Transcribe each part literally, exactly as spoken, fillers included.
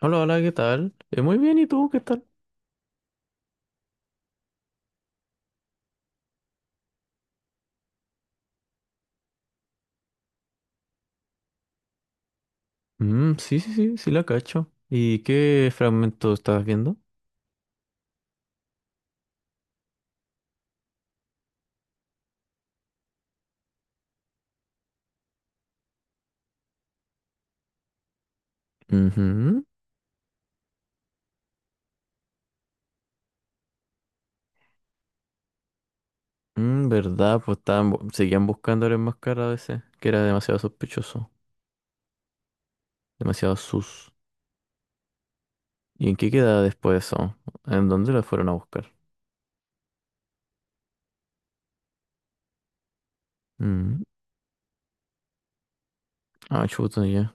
Hola, hola, ¿qué tal? Eh, muy bien, ¿y tú qué tal? Mm, sí, sí, sí, sí la cacho. ¿Y qué fragmento estabas viendo? Ujú. Mm, verdad, pues estaban, bu- seguían buscando el enmascarado ese, que era demasiado sospechoso, demasiado sus. ¿Y en qué quedaba después de eso? ¿En dónde lo fueron a buscar? Mm. Ah, chuta, ya.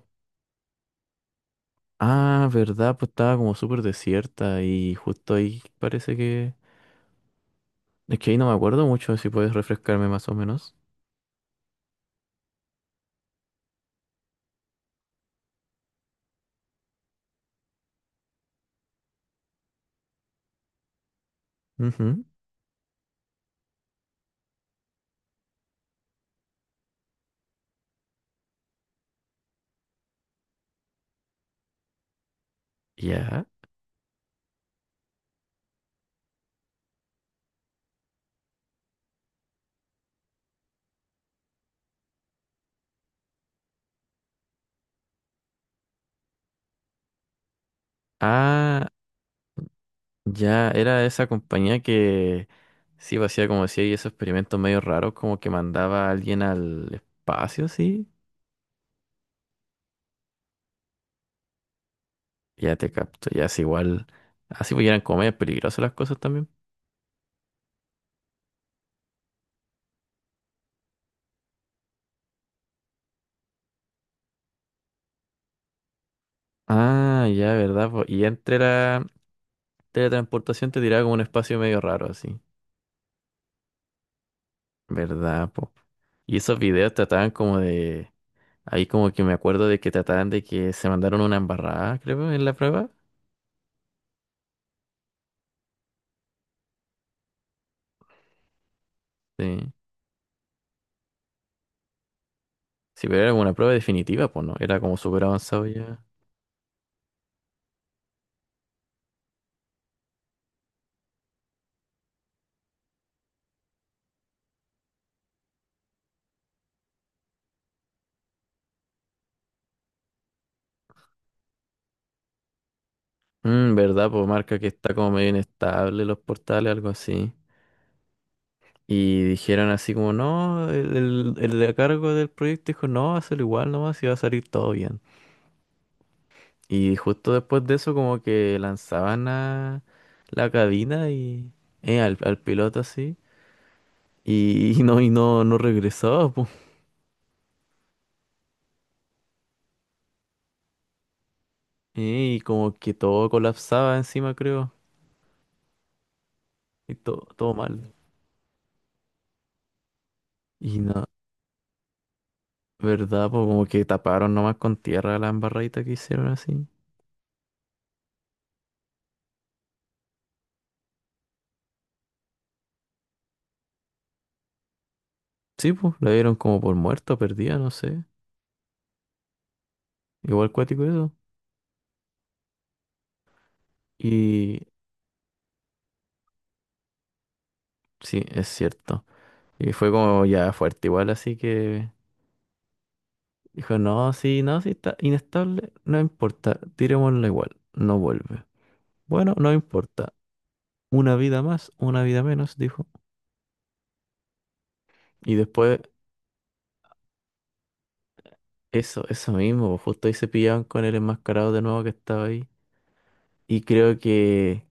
Ah, verdad, pues estaba como súper desierta y justo ahí parece que... Es que ahí no me acuerdo mucho, si puedes refrescarme más o menos. Ujú. Ya. Ah. Ya era esa compañía que sí pues, hacía como decía y esos experimentos medio raros, como que mandaba a alguien al espacio, sí. Ya te capto, ya es igual. Así pues eran como medio peligrosas las cosas también. Ah, ya, verdad, po. Y entre la teletransportación te tiraba como un espacio medio raro, así. ¿Verdad, po? Y esos videos trataban como de. Ahí como que me acuerdo de que trataban de que se mandaron una embarrada, creo, en la prueba. Sí. Sí, pero era como una prueba definitiva, pues no. Era como súper avanzado ya. Mm, ¿verdad? Pues marca que está como medio inestable los portales, algo así. Y dijeron así como, no, el, el, el de a cargo del proyecto dijo, no, hazlo igual nomás y va a salir todo bien. Y justo después de eso como que lanzaban a la cabina y eh, al, al piloto así. Y, y no, y no, no regresaba, pues. Y como que todo colapsaba encima, creo. Y todo, todo mal. Y no, ¿verdad? Pues como que taparon nomás con tierra la embarradita que hicieron así. Sí, pues, la dieron como por muerta, perdida, no sé. Igual cuático eso. Y sí, es cierto. Y fue como ya fuerte igual, así que dijo, no, sí, no, sí está inestable, no importa, tirémosla igual, no vuelve. Bueno, no importa. Una vida más, una vida menos, dijo. Y después, eso, eso mismo, pues, justo ahí se pillaban con el enmascarado de nuevo que estaba ahí. Y creo que,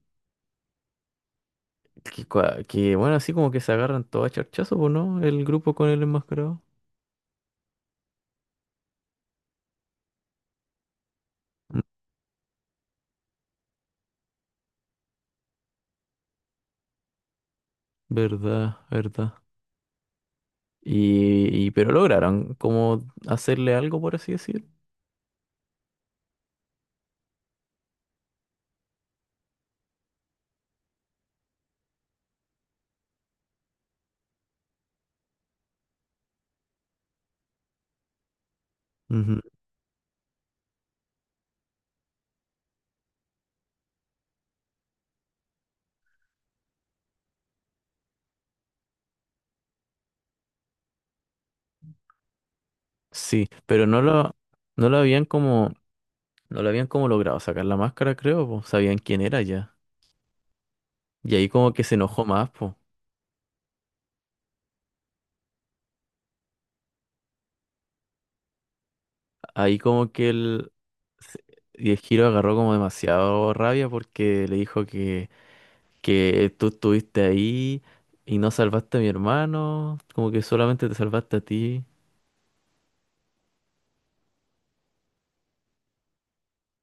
que, cua- que bueno, así como que se agarran todo a charchazo, pues, ¿no? El grupo con el enmascarado. Verdad, verdad. Y, y- pero lograron como hacerle algo, por así decir. Ujú. Sí, pero no lo, no lo habían como, no lo habían como logrado sacar la máscara, creo, po. Sabían quién era ya. Y ahí como que se enojó más, pues. Ahí como que el, se- y el Giro agarró como demasiado rabia porque le dijo que, que tú estuviste ahí y no salvaste a mi hermano, como que solamente te salvaste a ti.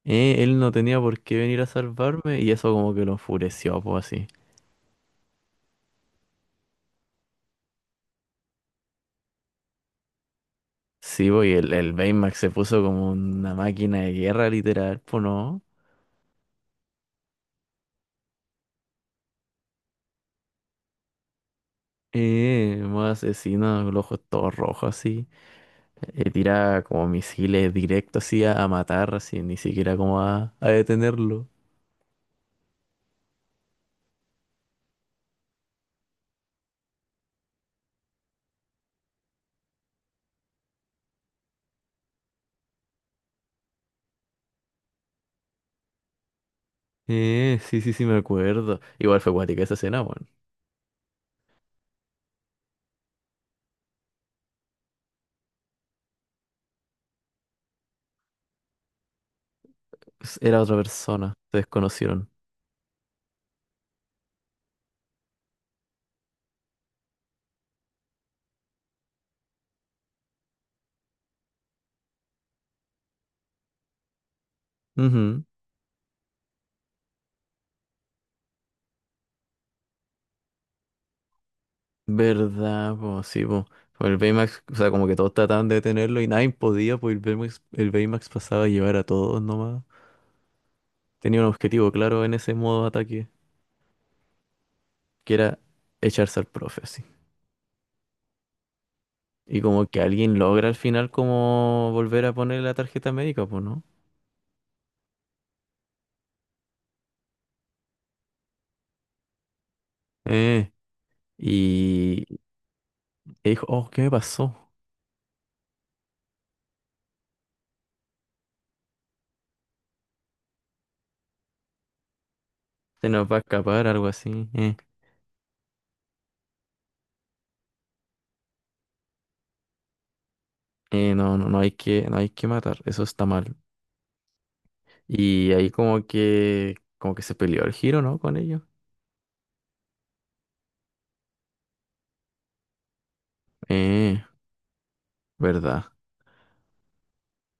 Eh, él no tenía por qué venir a salvarme y eso como que lo enfureció, pues así. Sí, pues y el, el Baymax se puso como una máquina de guerra, literal, pues no. Eh, más asesino, los ojos todos rojos así. Eh, tira como misiles directo así a, a matar, así, ni siquiera como a, a detenerlo. Eh, sí, sí, sí, me acuerdo. Igual fue cuática esa escena, bueno. Era otra persona, se desconocieron. Ujú. ¿Verdad? Pues sí, pues. El Baymax, o sea, como que todos trataban de detenerlo y nadie podía, pues el Baymax, el Baymax pasaba a llevar a todos nomás. Tenía un objetivo claro en ese modo de ataque, que era echarse al profe, así. Y como que alguien logra al final como volver a poner la tarjeta médica, pues, ¿no? Eh, y y dijo, oh, ¿qué me pasó? Se nos va a escapar, algo así. Eh, eh, no, no no hay que, no hay que matar, eso está mal. Y ahí como que, como que se peleó el giro, ¿no? Con ellos. Eh. ¿Verdad?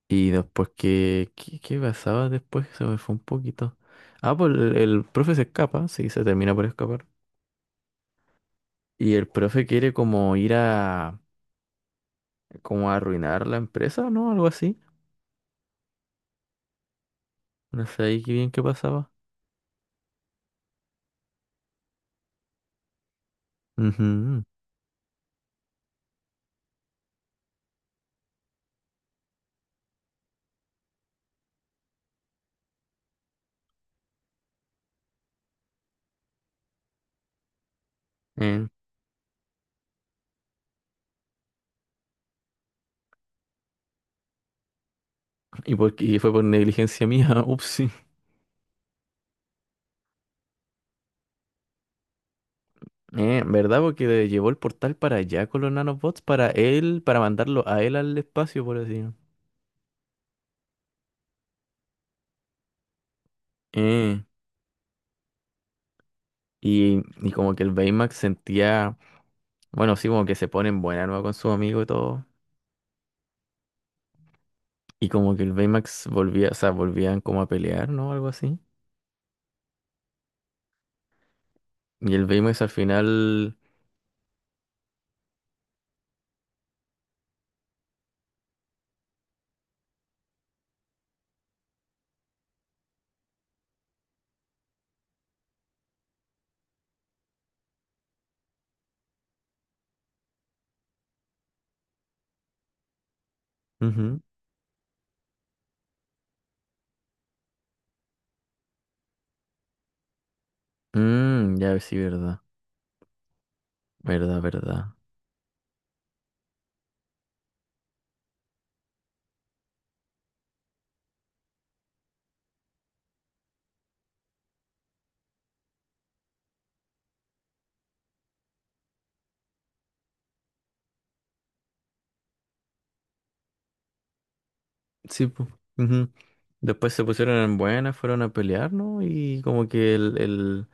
Y después, ¿qué, qué, qué pasaba después? Se me fue un poquito. Ah, pues el, el profe se escapa, sí, se termina por escapar. Y el profe quiere como ir a, como a arruinar la empresa, ¿no? Algo así. No sé ahí qué bien qué pasaba. Ujú. Eh, y, por, y fue por negligencia mía, upsí. Eh, ¿verdad? Porque le llevó el portal para allá con los nanobots, para él, para mandarlo a él al espacio, por así. Decirlo. Eh, y, y como que el Baymax sentía. Bueno, sí, como que se ponen buena nueva con su amigo y todo. Y como que el Baymax volvía, o sea, volvían como a pelear, ¿no? Algo así. Y el Baymax al final. Ujú, mm, ya sí, verdad. Verdad, verdad. Sí, pues. Después se pusieron en buena, fueron a pelear, ¿no? Y como que el, el,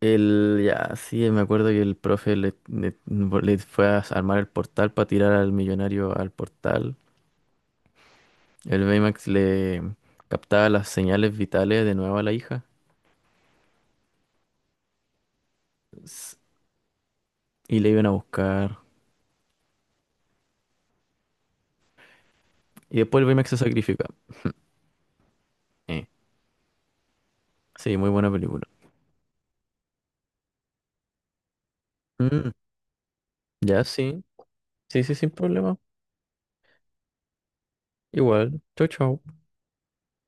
el- ya, sí, me acuerdo que el profe le, le- le fue a armar el portal para tirar al millonario al portal. El Baymax le captaba las señales vitales de nuevo a la hija. Y le iban a buscar. Y después el Baymax se sacrifica. Eh, sí, muy buena película. Mm, ya, sí. Sí, sí, sin problema. Igual. Chau, chau.